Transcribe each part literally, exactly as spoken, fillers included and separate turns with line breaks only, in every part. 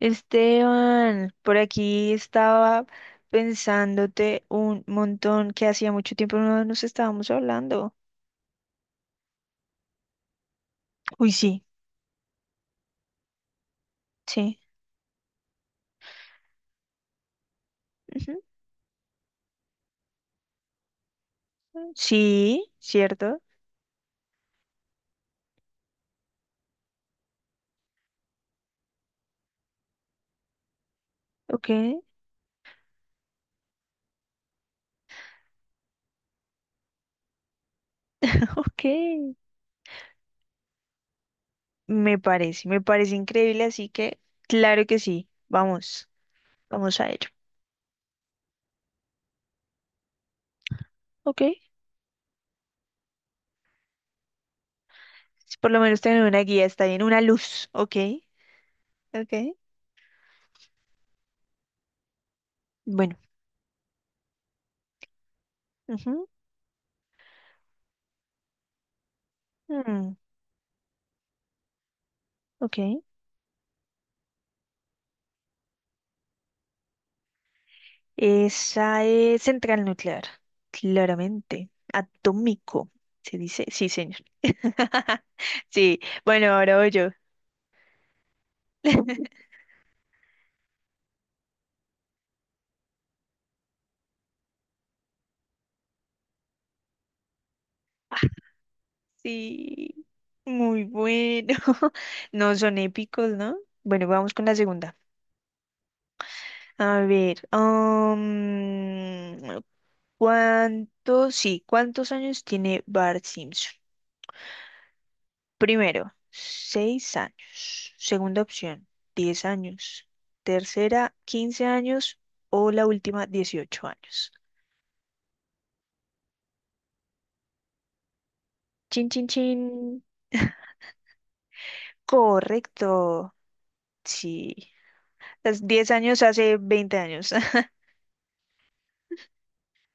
Esteban, por aquí estaba pensándote un montón que hacía mucho tiempo no nos estábamos hablando. Uy, sí, sí. Ujú, mm, sí, cierto. Ok. Ok. Me parece, me parece increíble, así que claro que sí. Vamos, vamos a ello. Ok. Si por lo menos tener una guía está bien, una luz. Ok, ok. Bueno. Ujú, mm, ok. Esa es central nuclear, claramente. Atómico, se dice. Sí, señor. Sí, bueno, ahora voy yo. Sí, muy bueno. No son épicos, ¿no? Bueno, vamos con la segunda. A ver, am, ¿cuántos, sí, cuántos años tiene Bart Simpson? Primero, seis años. Segunda opción, diez años. Tercera, quince años. O la última, dieciocho años. Chin, chin, chin. Correcto. Sí. Las diez años hace veinte años.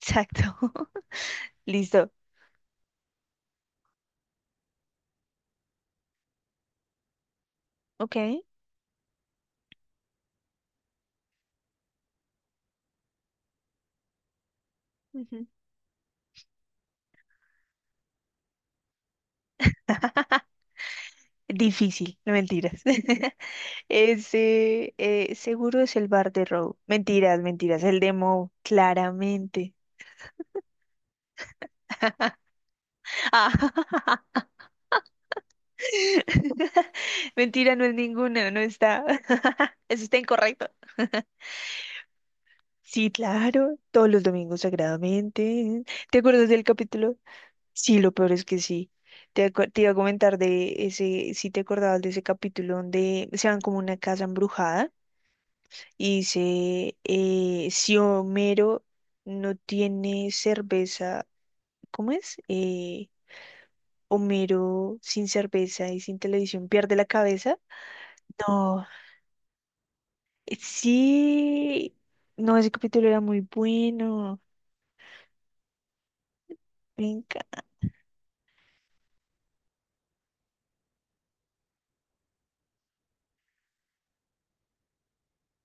Exacto. Listo. Ok. Ujú. Difícil, no mentiras. Ese eh, seguro es el bar de Row. Mentiras, mentiras. El demo, claramente. Ah, mentira, no es ninguna, no está. Eso está incorrecto. Sí, claro, todos los domingos sagradamente. ¿Te acuerdas del capítulo? Sí, lo peor es que sí. Te, acu- te iba a comentar de ese, si te acordabas de ese capítulo donde se van como a una casa embrujada y dice, eh, si Homero no tiene cerveza, ¿cómo es? Eh, Homero sin cerveza y sin televisión pierde la cabeza. No, eh, sí, no, ese capítulo era muy bueno. me enca-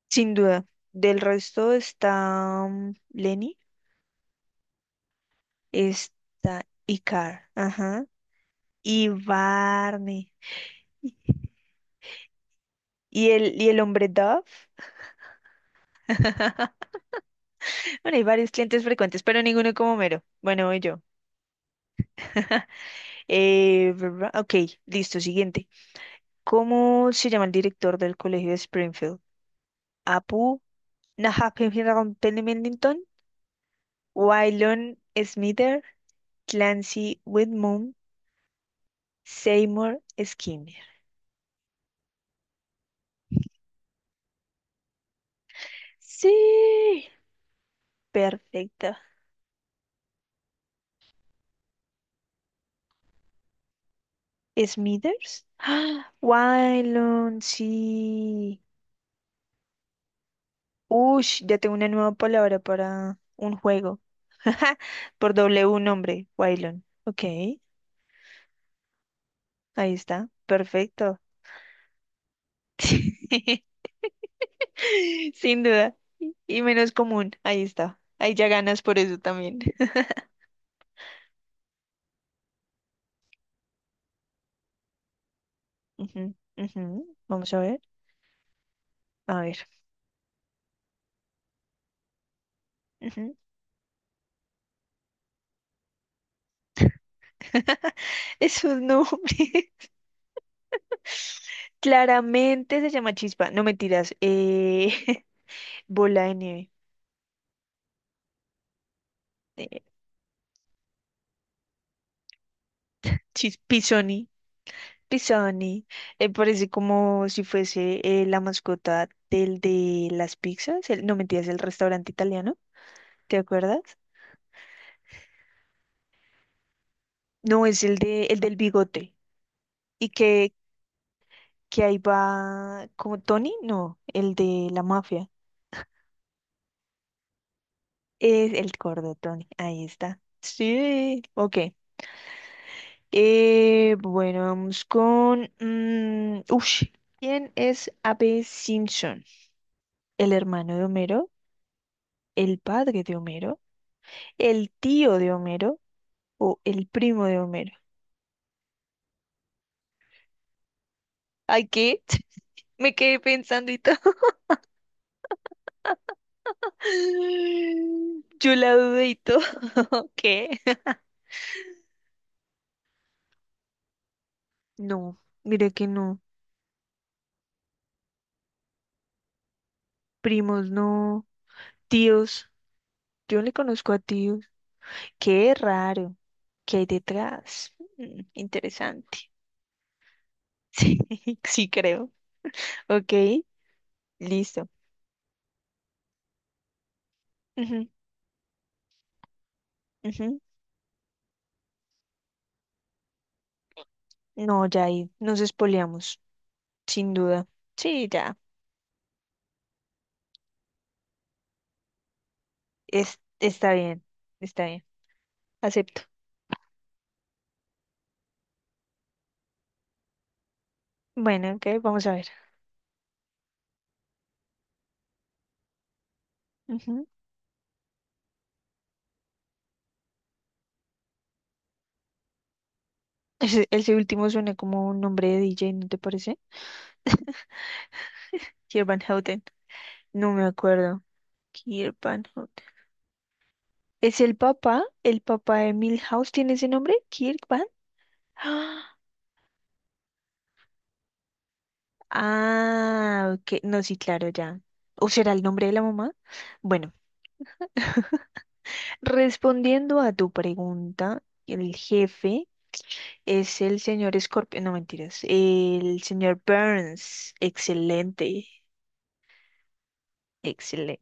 Sin duda. Del resto está mm, Lenny, está Icar, ajá, y Barney. Y y el, y el hombre Dove. Bueno, hay varios clientes frecuentes, pero ninguno como Mero. Bueno, voy yo. Eh, ¿verdad? Ok, listo, siguiente. ¿Cómo se llama el director del colegio de Springfield? ¿Apu? نحقق تيلي ميلينغتون وايلون سميثر Clancy Whitmore Seymour Skinner. Sí, perfecto. Smithers. ¡Ah! Wylon, sí. Ush, ya tengo una nueva palabra para un juego. Por doble un nombre, Wylon. Ok, ahí está. Perfecto. Sin duda. Y menos común. Ahí está. Ahí ya ganas por eso también. Ujú, ujú. Vamos a ver. A ver. Ujú. Es un nombre. Claramente se llama chispa. No mentiras. Eh, bola de nieve. Eh, chis- pisoni. Pisoni. Eh, parece como si fuese eh, la mascota del de las pizzas. El- no mentiras, el restaurante italiano. ¿Te acuerdas? No, es el de el del bigote. Y que, que ahí va como Tony. No, el de la mafia. Es el cordotón, ahí está. Sí, ok. Eh, bueno, vamos con... mm, ush. ¿Quién es Abe Simpson? ¿El hermano de Homero? ¿El padre de Homero? ¿El tío de Homero? ¿O el primo de Homero? Ay, ¿qué? Me quedé pensando y todo. Yo la dudé y todo. ¿Qué? No, mire que no. Primos no. Tíos. Yo le conozco a tíos. Qué raro. ¿Qué hay detrás? Mm, interesante. Sí, sí creo. Ok, listo. Ujú, ujú. No, ya ahí nos espoleamos, sin duda. Sí, ya. Es, está bien, está bien. Acepto. Bueno, ok, vamos a ver. Ujú. Ese, ese último suena como un nombre de D J, ¿no te parece? Kieran Van Houten. No me acuerdo. Kieran Van Houten. ¿Es el papá? ¿El papá de Milhouse tiene ese nombre? ¿Kirk Van? Ah, ok. No, sí, claro, ya. ¿O será el nombre de la mamá? Bueno, respondiendo a tu pregunta, el jefe es el señor Scorpio, no mentiras, el señor Burns. Excelente, excelente.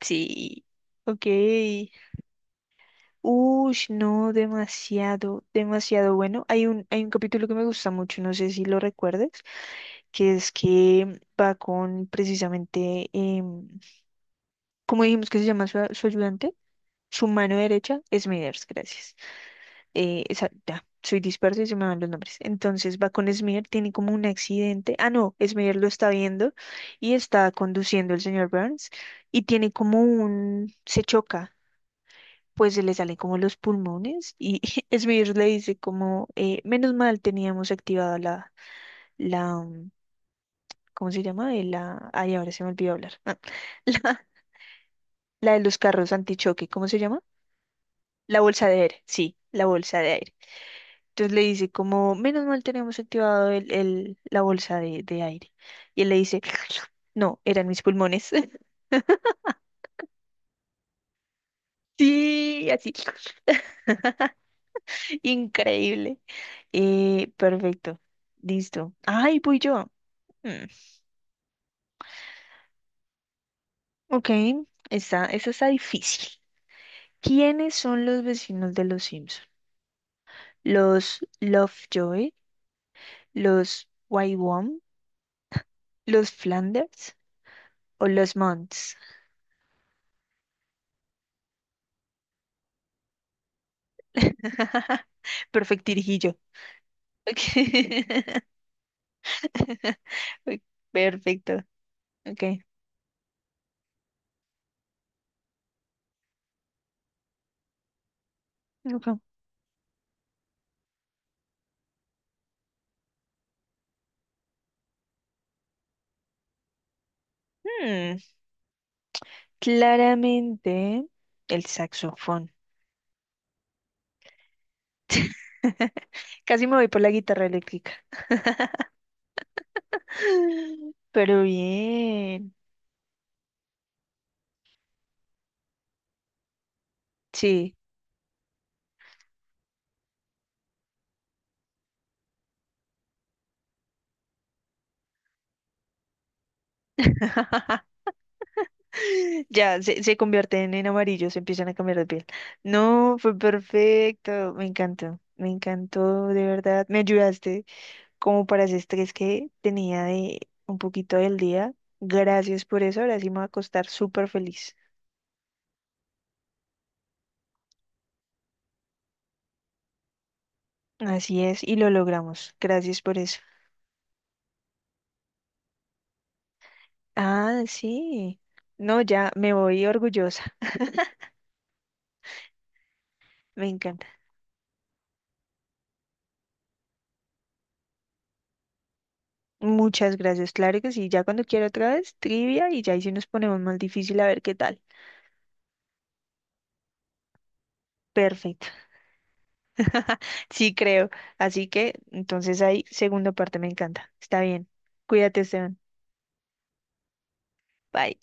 Sí, ok. Ush, no, demasiado, demasiado bueno. Hay un, hay un capítulo que me gusta mucho, no sé si lo recuerdes, que es que va con precisamente, em, ¿cómo dijimos que se llama su, su ayudante? Su mano derecha, Smithers, gracias. Eh, esa- ya, soy disperso y se me van los nombres. Entonces va con Smithers, tiene como un accidente. Ah, no, Smithers lo está viendo y está conduciendo el señor Burns y tiene como un... Se choca, pues se le salen como los pulmones y Smithers le dice como, eh, menos mal teníamos activada la, la, um, ¿cómo se llama? Eh, La, ay, ahora se me olvidó hablar. La, la de los carros antichoque, ¿cómo se llama? La bolsa de aire, sí, la bolsa de aire. Entonces le dice como, menos mal tenemos activado el, el- la bolsa de, de aire. Y él le dice, no, eran mis pulmones. Sí, así, increíble. Eh, perfecto, listo. Ay, voy yo. Mm, ok, esa, esa está difícil. ¿Quiénes son los vecinos de los Simpson? ¿Los Lovejoy? ¿Los Wybom? ¿Los Flanders? ¿O los Monts? Perfectirijillo. Ok. Uy, perfecto. Ok. Ujú. Hmm, Claramente el saxofón. Casi me voy por la guitarra eléctrica. Pero bien. Sí. Ya, se, se convierten en amarillos, se empiezan a cambiar de piel. No, fue perfecto. Me encantó. Me encantó, de verdad. Me ayudaste como para ese estrés que tenía de un poquito del día. Gracias por eso. Ahora sí me voy a acostar súper feliz. Así es, y lo logramos. Gracias por eso. Ah, sí. No, ya me voy orgullosa. Me encanta. Muchas gracias. Claro que sí. Ya cuando quiera otra vez, trivia y ya ahí sí nos ponemos más difícil a ver qué tal. Perfecto. Sí, creo. Así que entonces ahí, segunda parte, me encanta. Está bien. Cuídate, Esteban. Bye.